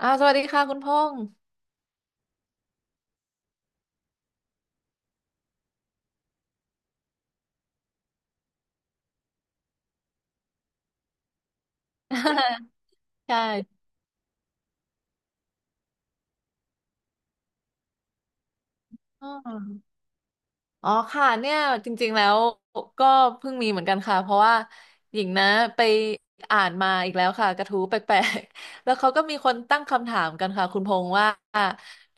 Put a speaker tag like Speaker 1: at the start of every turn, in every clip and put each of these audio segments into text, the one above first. Speaker 1: อาวสวัสดีค่ะคุณพงษ์ ใช่อ๋อ อ๋อค่ะเนี่ยจริงๆแล้วก็เพิ่งมีเหมือนกันค่ะเพราะว่าหญิงนะไปอ่านมาอีกแล้วค่ะกระทู้แปลกๆ แล้วเขาก็มีคนตั้งคำถามกันค่ะคุณพงษ์ว่า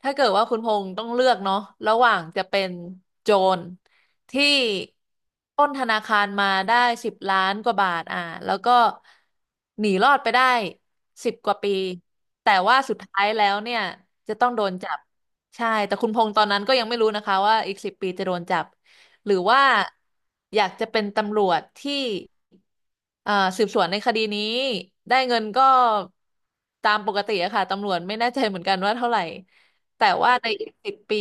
Speaker 1: ถ้าเกิดว่าคุณพงษ์ต้องเลือกเนาะระหว่างจะเป็นโจรที่ปล้นธนาคารมาได้10 ล้านกว่าบาทอ่าแล้วก็หนีรอดไปได้10 กว่าปีแต่ว่าสุดท้ายแล้วเนี่ยจะต้องโดนจับ ใช่แต่คุณพงษ์ตอนนั้นก็ยังไม่รู้นะคะว่าอีกสิบปีจะโดนจับหรือว่าอยากจะเป็นตำรวจที่เอ่อสืบสวนในคดีนี้ได้เงินก็ตามปกติอะค่ะตำรวจไม่แน่ใจเหมือนกันว่าเท่าไหร่แต่ว่าในอีกสิบปี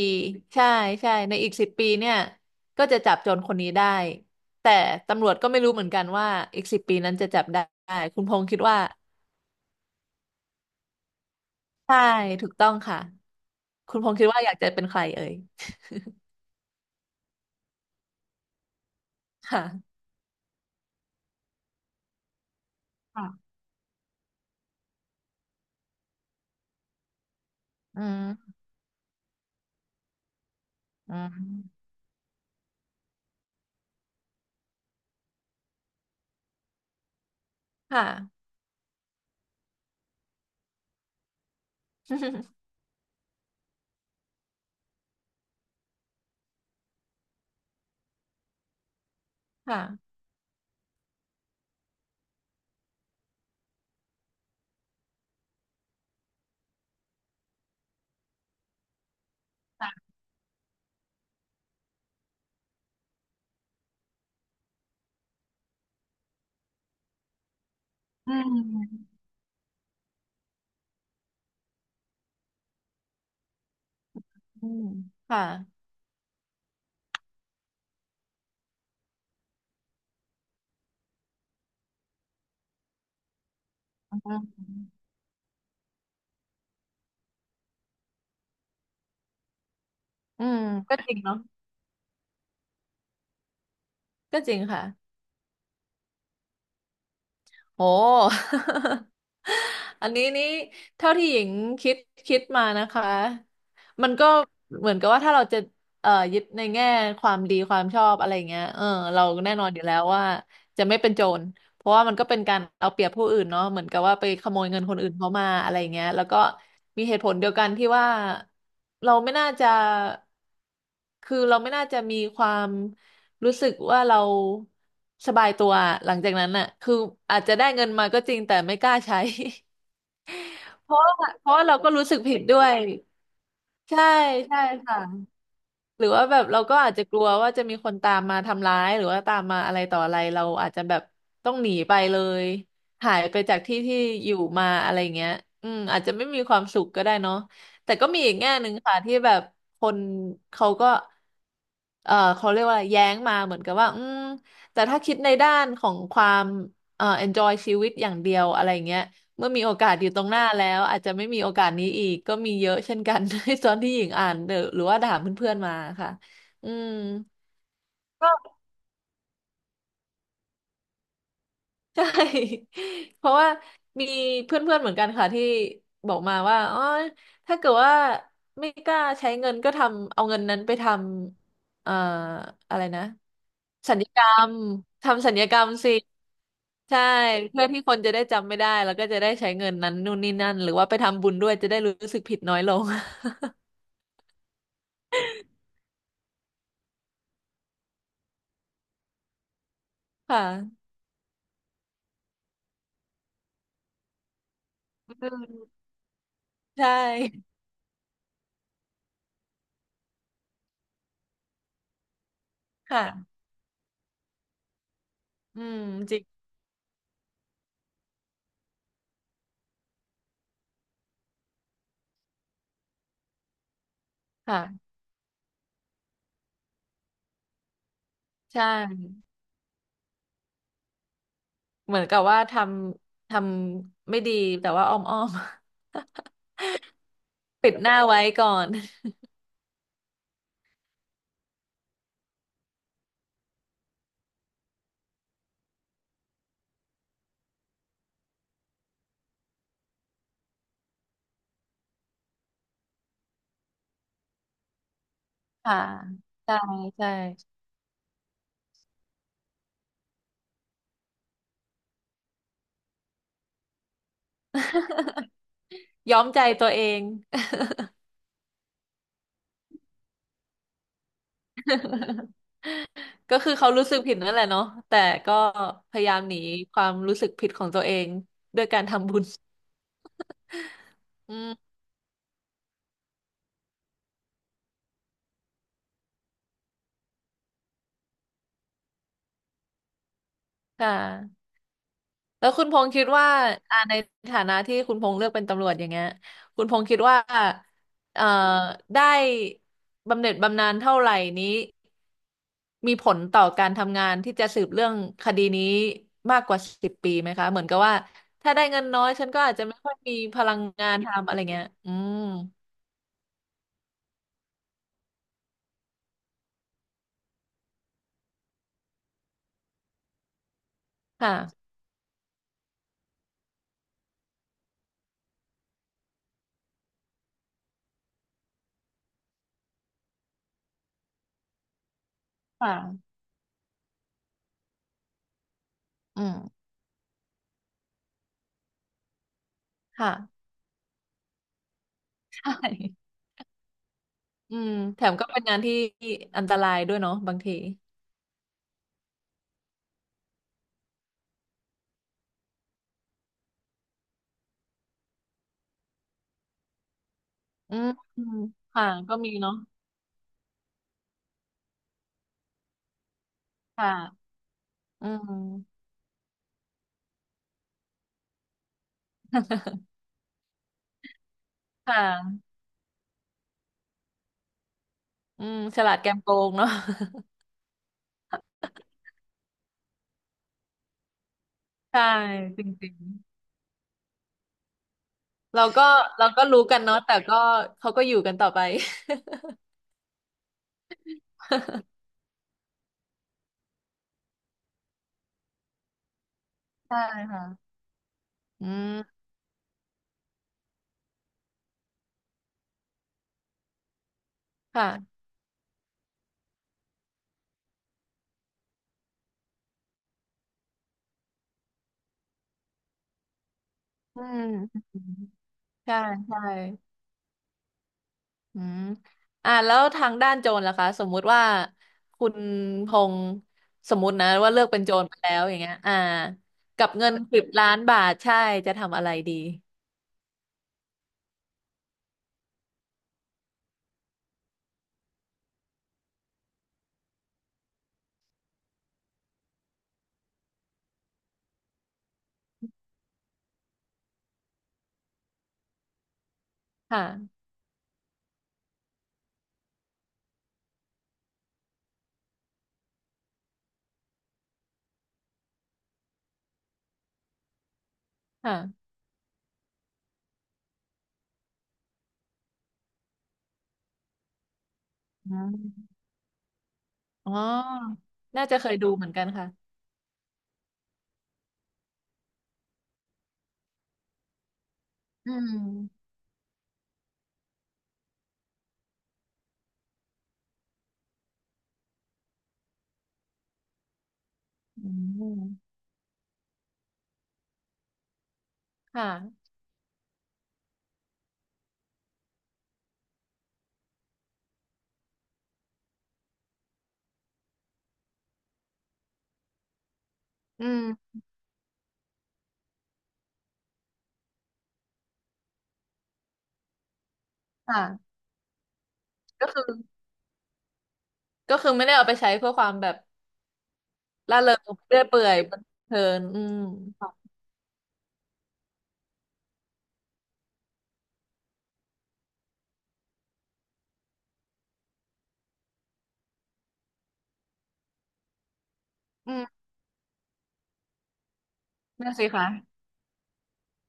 Speaker 1: ใช่ใช่ในอีกสิบปีเนี่ยก็จะจับโจรคนนี้ได้แต่ตำรวจก็ไม่รู้เหมือนกันว่าอีกสิบปีนั้นจะจับได้คุณพงษ์คิดว่าใช่ถูกต้องค่ะคุณพงษ์คิดว่าอยากจะเป็นใครเอ่ยค่ะ อืมอืมค่ะ ค่ะอืมอืมค่ะอืมอืมก็จริงเนาะก็จริงค่ะโห อันนี้นี่เท่าที่หญิงคิดคิดมานะคะมันก็เหมือนกับว่าถ้าเราจะยึดในแง่ความดีความชอบอะไรเงี้ยเออเราแน่นอนอยู่แล้วว่าจะไม่เป็นโจร เพราะว่ามันก็เป็นการเอาเปรียบผู้อื่นเนาะเหมือนกับว่าไปขโมยเงินคนอื่นเขามาอะไรอย่างเงี้ยแล้วก็มีเหตุผลเดียวกันที่ว่าเราไม่น่าจะคือเราไม่น่าจะมีความรู้สึกว่าเราสบายตัวหลังจากนั้นน่ะคืออาจจะได้เงินมาก็จริงแต่ไม่กล้าใช้ เพราะว่าเพราะว่าเราก็รู้สึกผิดด้วยใช่ใช่ค่ะ หรือว่าแบบเราก็อาจจะกลัวว่าจะมีคนตามมาทำร้ายหรือว่าตามมาอะไรต่ออะไรเราอาจจะแบบต้องหนีไปเลยหายไปจากที่ที่อยู่มาอะไรเงี้ยอืมอาจจะไม่มีความสุขก็ได้เนาะแต่ก็มีอีกแง่หนึ่งค่ะที่แบบคนเขาก็เขาเรียกว่าอะไรแย้งมาเหมือนกับว่าอืมแต่ถ้าคิดในด้านของความenjoy ชีวิตอย่างเดียวอะไรเงี้ย เมื่อมีโอกาสอยู่ตรงหน้าแล้วอาจจะไม่มีโอกาสนี้อีกก็มีเยอะเช่นกัน ในตอนที่หญิงอ่านเดอะหรือว่าถามเพื่อนๆมาค่ะอืม ก็ใช่ เพราะว่ามีเพื่อนๆเหมือนกันค่ะที่บอกมาว่าอ๋อถ้าเกิดว่าไม่กล้าใช้เงินก็ทำเอาเงินนั้นไปทำอะไรนะสัญญกรรมทำสัญญกรรมสิใช่เพื่อที่คนจะได้จำไม่ได้แล้วก็จะได้ใช้เงินนั้นนู่นนี่นั่นหรือว่าไปทำบุญด้วยจะได้รู้สึกผิดน้อยลง ค่ะ อืมใช่ค่ะอืมจริงค่ะใช่เหมือนกับว่าทำไม่ดีแต่ว่าอ้อมอ้อม ปิดหน้าไว้ก่อนค่ะใช่ใช่ย้อมใจตัวเอง ก็คือเขารู้สึกผิดนั่นแหละเนาะแต่ก็พยายามหนีความรู้สึกผิดของตัวเองด้วยการทำบุญอืมค่ะ แล้วคุณพงษ์คิดว่าอ่าในฐานะที่คุณพงษ์เลือกเป็นตำรวจอย่างเงี้ยคุณพงษ์คิดว่าเอ่อได้บำเหน็จบำนาญเท่าไหร่นี้มีผลต่อการทำงานที่จะสืบเรื่องคดีนี้มากกว่าสิบปีไหมคะเหมือนกับว่าถ้าได้เงินน้อยฉันก็อาจจะไม่ค่อยมีพลังงานทำอะไรเงี้ยอืมค่ะค่ะอืมค่ะใช่อืมแถมก็เป็นงานที่อันตรายด้วยเนาะบางทีอืมอืมค่ะก็มีเนาะค่ะอืม ค่ะอืมฉลาดแกมโกงเนาะ ใช่จริงๆเราก็รู้กันเนาะแต่ก็เขาก็อยู่กันต่อไป ใช่ค่ะอืมค่ะอืมอืมใช่ใช่อืมอ่าแล้วทางด้านโจรล่ะคะสมมุติว่าคุณพงษ์สมมุตินะว่าเลือกเป็นโจรไปแล้วอย่างเงี้ยอ่ากับเงิน10 ล้านบาทใช่จะทำอะไรดีค่ะค่ะอืมอ๋อน่าจะเคยดูเหมือนกันค่ะอืม อืมค่ะอืมค่ะก็คือก็คือไม่ได้เอาไปใช้เพื่อความแบบร่าเริงเรื่อยเปื่อยบันเทิงอืมค่ะอืมนั่นสิคะ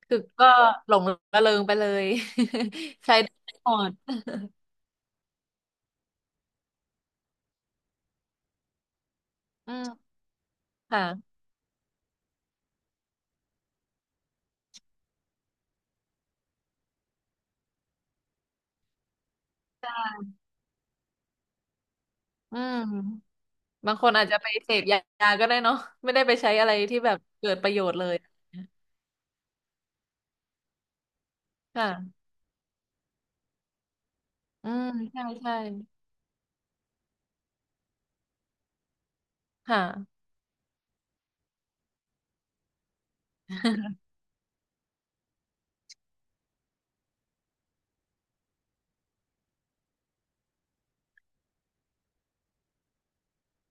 Speaker 1: คือก็หลงระเริงไปเลย ใช้ได้หมดอืมค่ะอืมบางคนอาจจะไปเสพยาก็ได้เนาะไม่ได้ไปใช้อะไรที่แบบเกิดประโยชน์เลยค่ะอืมใช่ใช่ค่ะ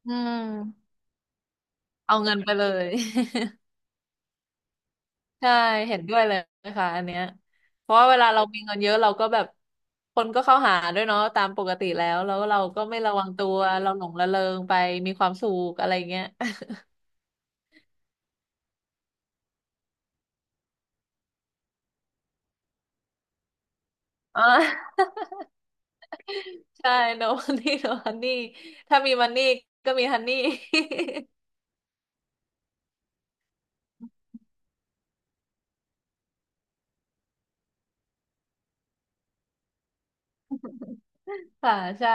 Speaker 1: อืม เอาเงินไปเลย ใช่เห็นด้วยเลยค่ะอันเนี้ยเพราะว่าเวลาเรามีเงินเยอะเราก็แบบคนก็เข้าหาด้วยเนาะตามปกติแล้วแล้วเราก็ไม่ระวังตัวเราหลงระเริงไปมีความสุขอะไรเงี้ย อ่า ใช่ no money no honey ถ้ามีมันนี่ก็มีฮันนี่ ค่ะใช่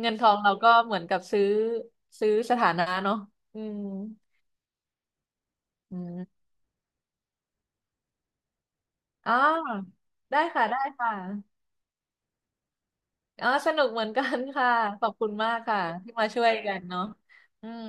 Speaker 1: เงินทองเราก็เหมือนกับซื้อสถานะเนาะอืมอืมอ๋อได้ค่ะได้ค่ะ อ๋อสนุกเหมือนกันค่ะขอบคุณมากค่ะที่มาช่วยกันเนาะอืม